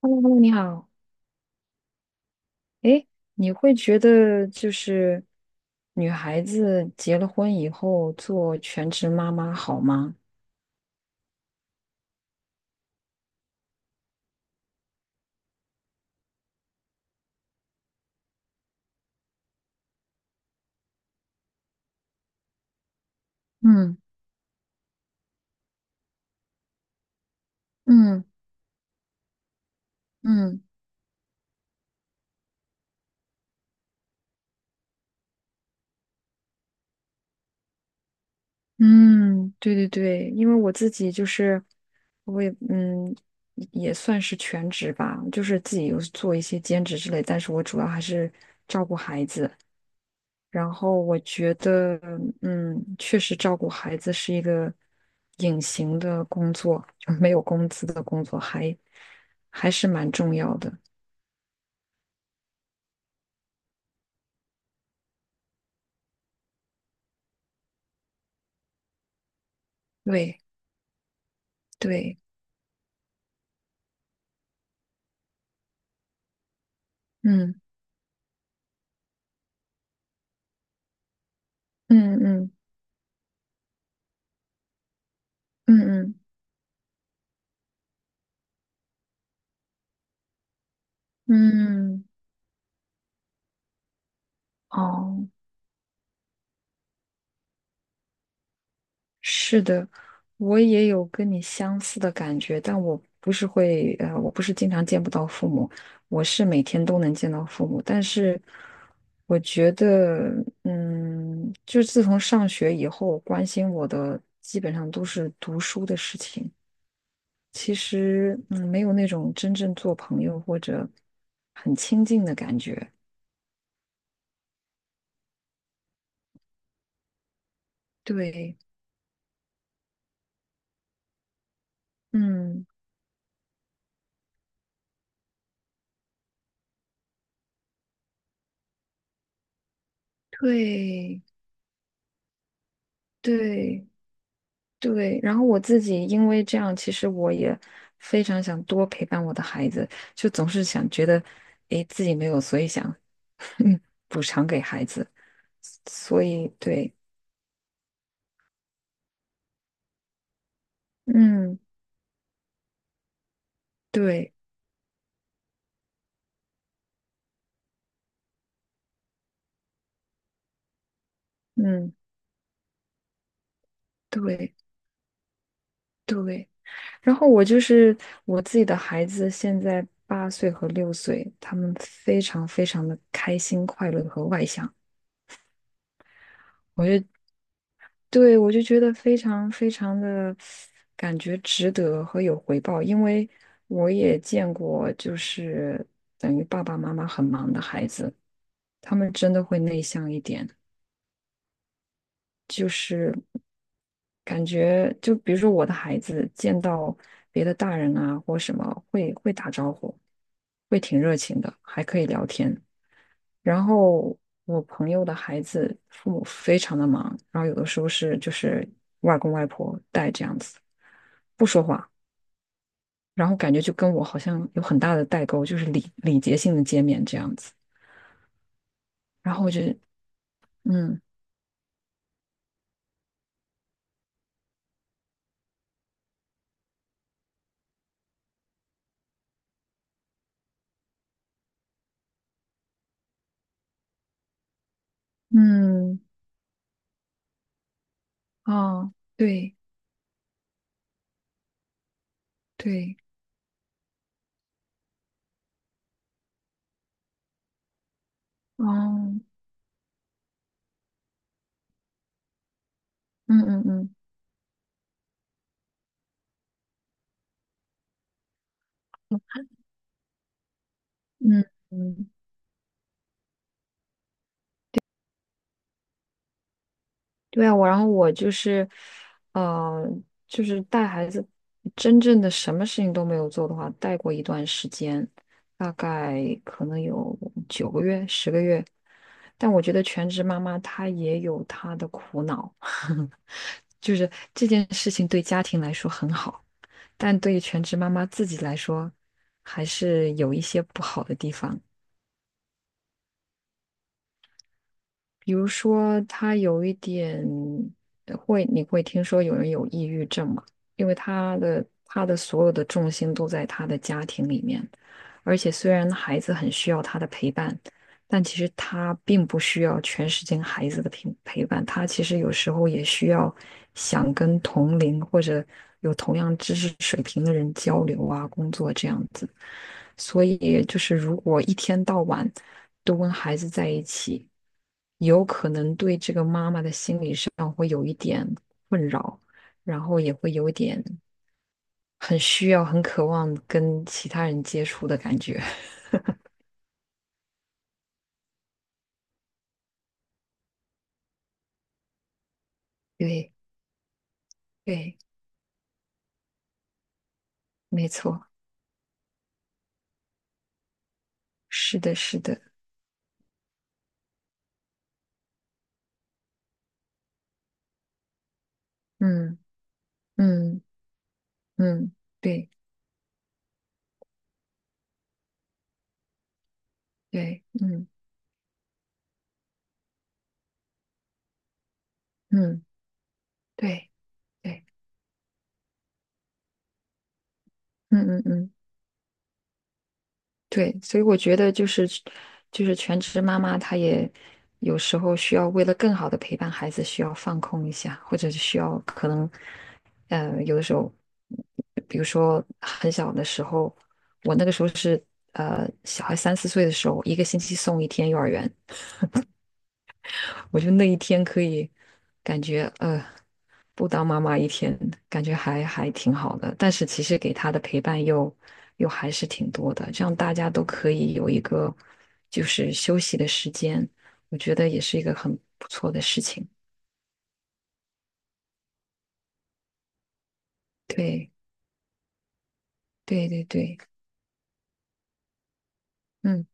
Hello，你好。诶，你会觉得就是女孩子结了婚以后做全职妈妈好吗？嗯嗯嗯嗯，对对对，因为我自己就是我也也算是全职吧，就是自己有做一些兼职之类，但是我主要还是照顾孩子。然后我觉得，确实照顾孩子是一个隐形的工作，就没有工资的工作还，还是蛮重要的。对对，嗯嗯嗯嗯嗯嗯，哦，是的，我也有跟你相似的感觉，但我不是会，我不是经常见不到父母，我是每天都能见到父母，但是我觉得，就是自从上学以后，关心我的基本上都是读书的事情，其实，没有那种真正做朋友或者很亲近的感觉，对，嗯，对，对。对，然后我自己因为这样，其实我也非常想多陪伴我的孩子，就总是想觉得，诶，自己没有，所以想，嗯补偿给孩子，所以对，嗯，对，嗯，对，对。然后我就是我自己的孩子，现在8岁和6岁，他们非常非常的开心、快乐和外向，我对，我就觉得非常非常的感觉值得和有回报，因为我也见过，就是等于爸爸妈妈很忙的孩子，他们真的会内向一点，就是感觉就比如说我的孩子见到别的大人啊或什么，会打招呼，会挺热情的，还可以聊天。然后我朋友的孩子父母非常的忙，然后有的时候是就是外公外婆带这样子，不说话，然后感觉就跟我好像有很大的代沟，就是礼节性的见面这样子。然后我就嗯嗯哦对对哦嗯嗯嗯嗯。嗯对啊，我然后我就是，呃，就是带孩子，真正的什么事情都没有做的话，带过一段时间，大概可能有9个月、10个月。但我觉得全职妈妈她也有她的苦恼，就是这件事情对家庭来说很好，但对于全职妈妈自己来说，还是有一些不好的地方。比如说，他有一点会，你会听说有人有抑郁症嘛？因为他的所有的重心都在他的家庭里面，而且虽然孩子很需要他的陪伴，但其实他并不需要全时间孩子的陪伴，他其实有时候也需要想跟同龄或者有同样知识水平的人交流啊，工作这样子。所以就是如果一天到晚。都跟孩子在一起，有可能对这个妈妈的心理上会有一点困扰，然后也会有一点很需要、很渴望跟其他人接触的感觉。对对，没错，是的，是的，嗯嗯嗯，对对，嗯嗯对对，嗯嗯嗯。对，所以我觉得就是就是全职妈妈，她也有时候需要为了更好的陪伴孩子，需要放空一下，或者是需要可能，有的时候，比如说很小的时候，我那个时候是小孩3、4岁的时候，一个星期送一天幼儿园，我就那一天可以感觉不当妈妈一天，感觉还挺好的。但是其实给他的陪伴又又还是挺多的，这样大家都可以有一个就是休息的时间，我觉得也是一个很不错的事情。对对对对，嗯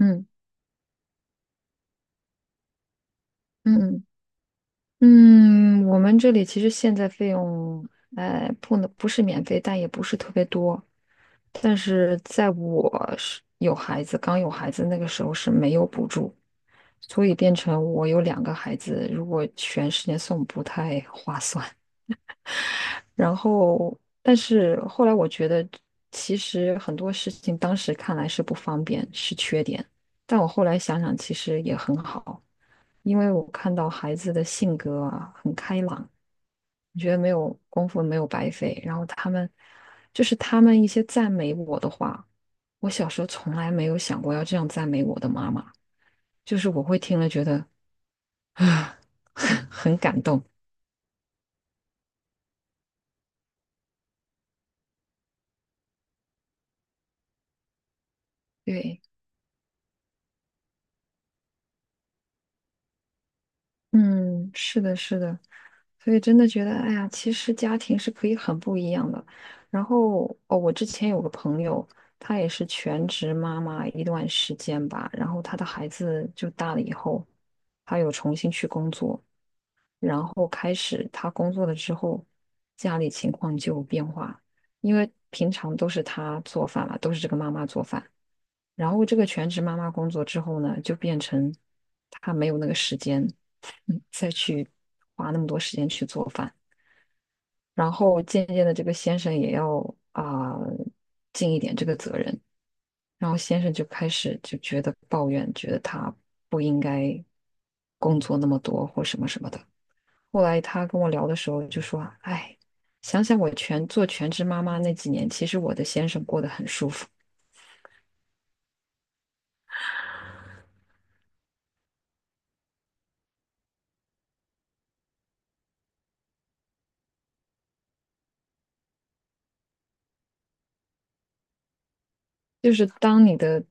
嗯嗯嗯嗯，我们这里其实现在费用，哎，不能不是免费，但也不是特别多。但是在我是有孩子，刚有孩子那个时候是没有补助，所以变成我有两个孩子，如果全时间送不太划算。然后，但是后来我觉得，其实很多事情当时看来是不方便，是缺点，但我后来想想，其实也很好。因为我看到孩子的性格啊很开朗，你觉得没有功夫没有白费。然后他们就是他们一些赞美我的话，我小时候从来没有想过要这样赞美我的妈妈，就是我会听了觉得啊，很感动。对，嗯，是的，是的，所以真的觉得，哎呀，其实家庭是可以很不一样的。然后哦，我之前有个朋友，她也是全职妈妈一段时间吧，然后她的孩子就大了以后，她有重新去工作。然后开始他工作了之后，家里情况就有变化，因为平常都是他做饭了，都是这个妈妈做饭。然后这个全职妈妈工作之后呢，就变成他没有那个时间，再去花那么多时间去做饭。然后渐渐的，这个先生也要啊、尽一点这个责任。然后先生就开始就觉得抱怨，觉得他不应该工作那么多或什么什么的。后来他跟我聊的时候就说：“哎，想想我全做全职妈妈那几年，其实我的先生过得很舒服。就是当你的，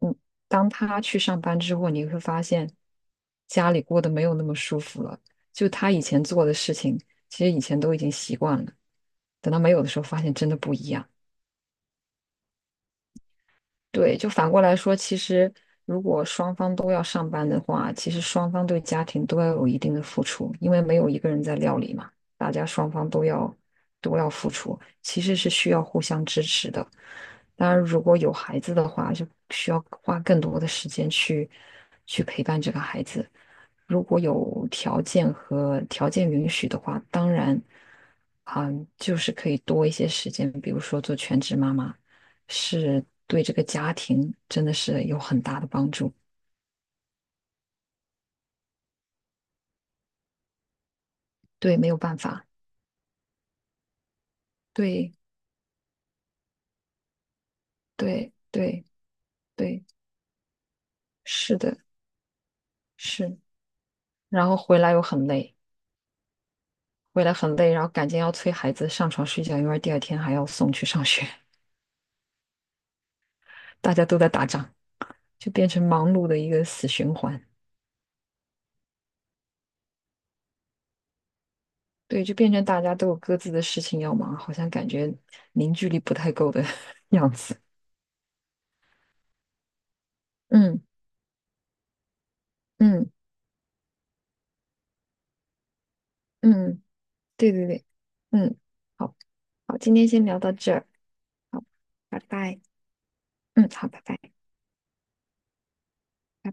嗯，当他去上班之后，你会发现家里过得没有那么舒服了。就他以前做的事情，其实以前都已经习惯了，等到没有的时候，发现真的不一样。对，就反过来说，其实如果双方都要上班的话，其实双方对家庭都要有一定的付出，因为没有一个人在料理嘛，大家双方都要都要付出，其实是需要互相支持的。当然，如果有孩子的话，就需要花更多的时间去去陪伴这个孩子。如果有条件和条件允许的话，当然，就是可以多一些时间，比如说做全职妈妈。是对这个家庭真的是有很大的帮助。对，没有办法，对对对对，是的，是。然后回来又很累，回来很累，然后赶紧要催孩子上床睡觉，因为第二天还要送去上学，大家都在打仗，就变成忙碌的一个死循环。对，就变成大家都有各自的事情要忙，好像感觉凝聚力不太够的 样子。嗯嗯嗯，对对对，嗯，好好，今天先聊到这儿。好，拜拜。嗯，好，拜拜。拜拜。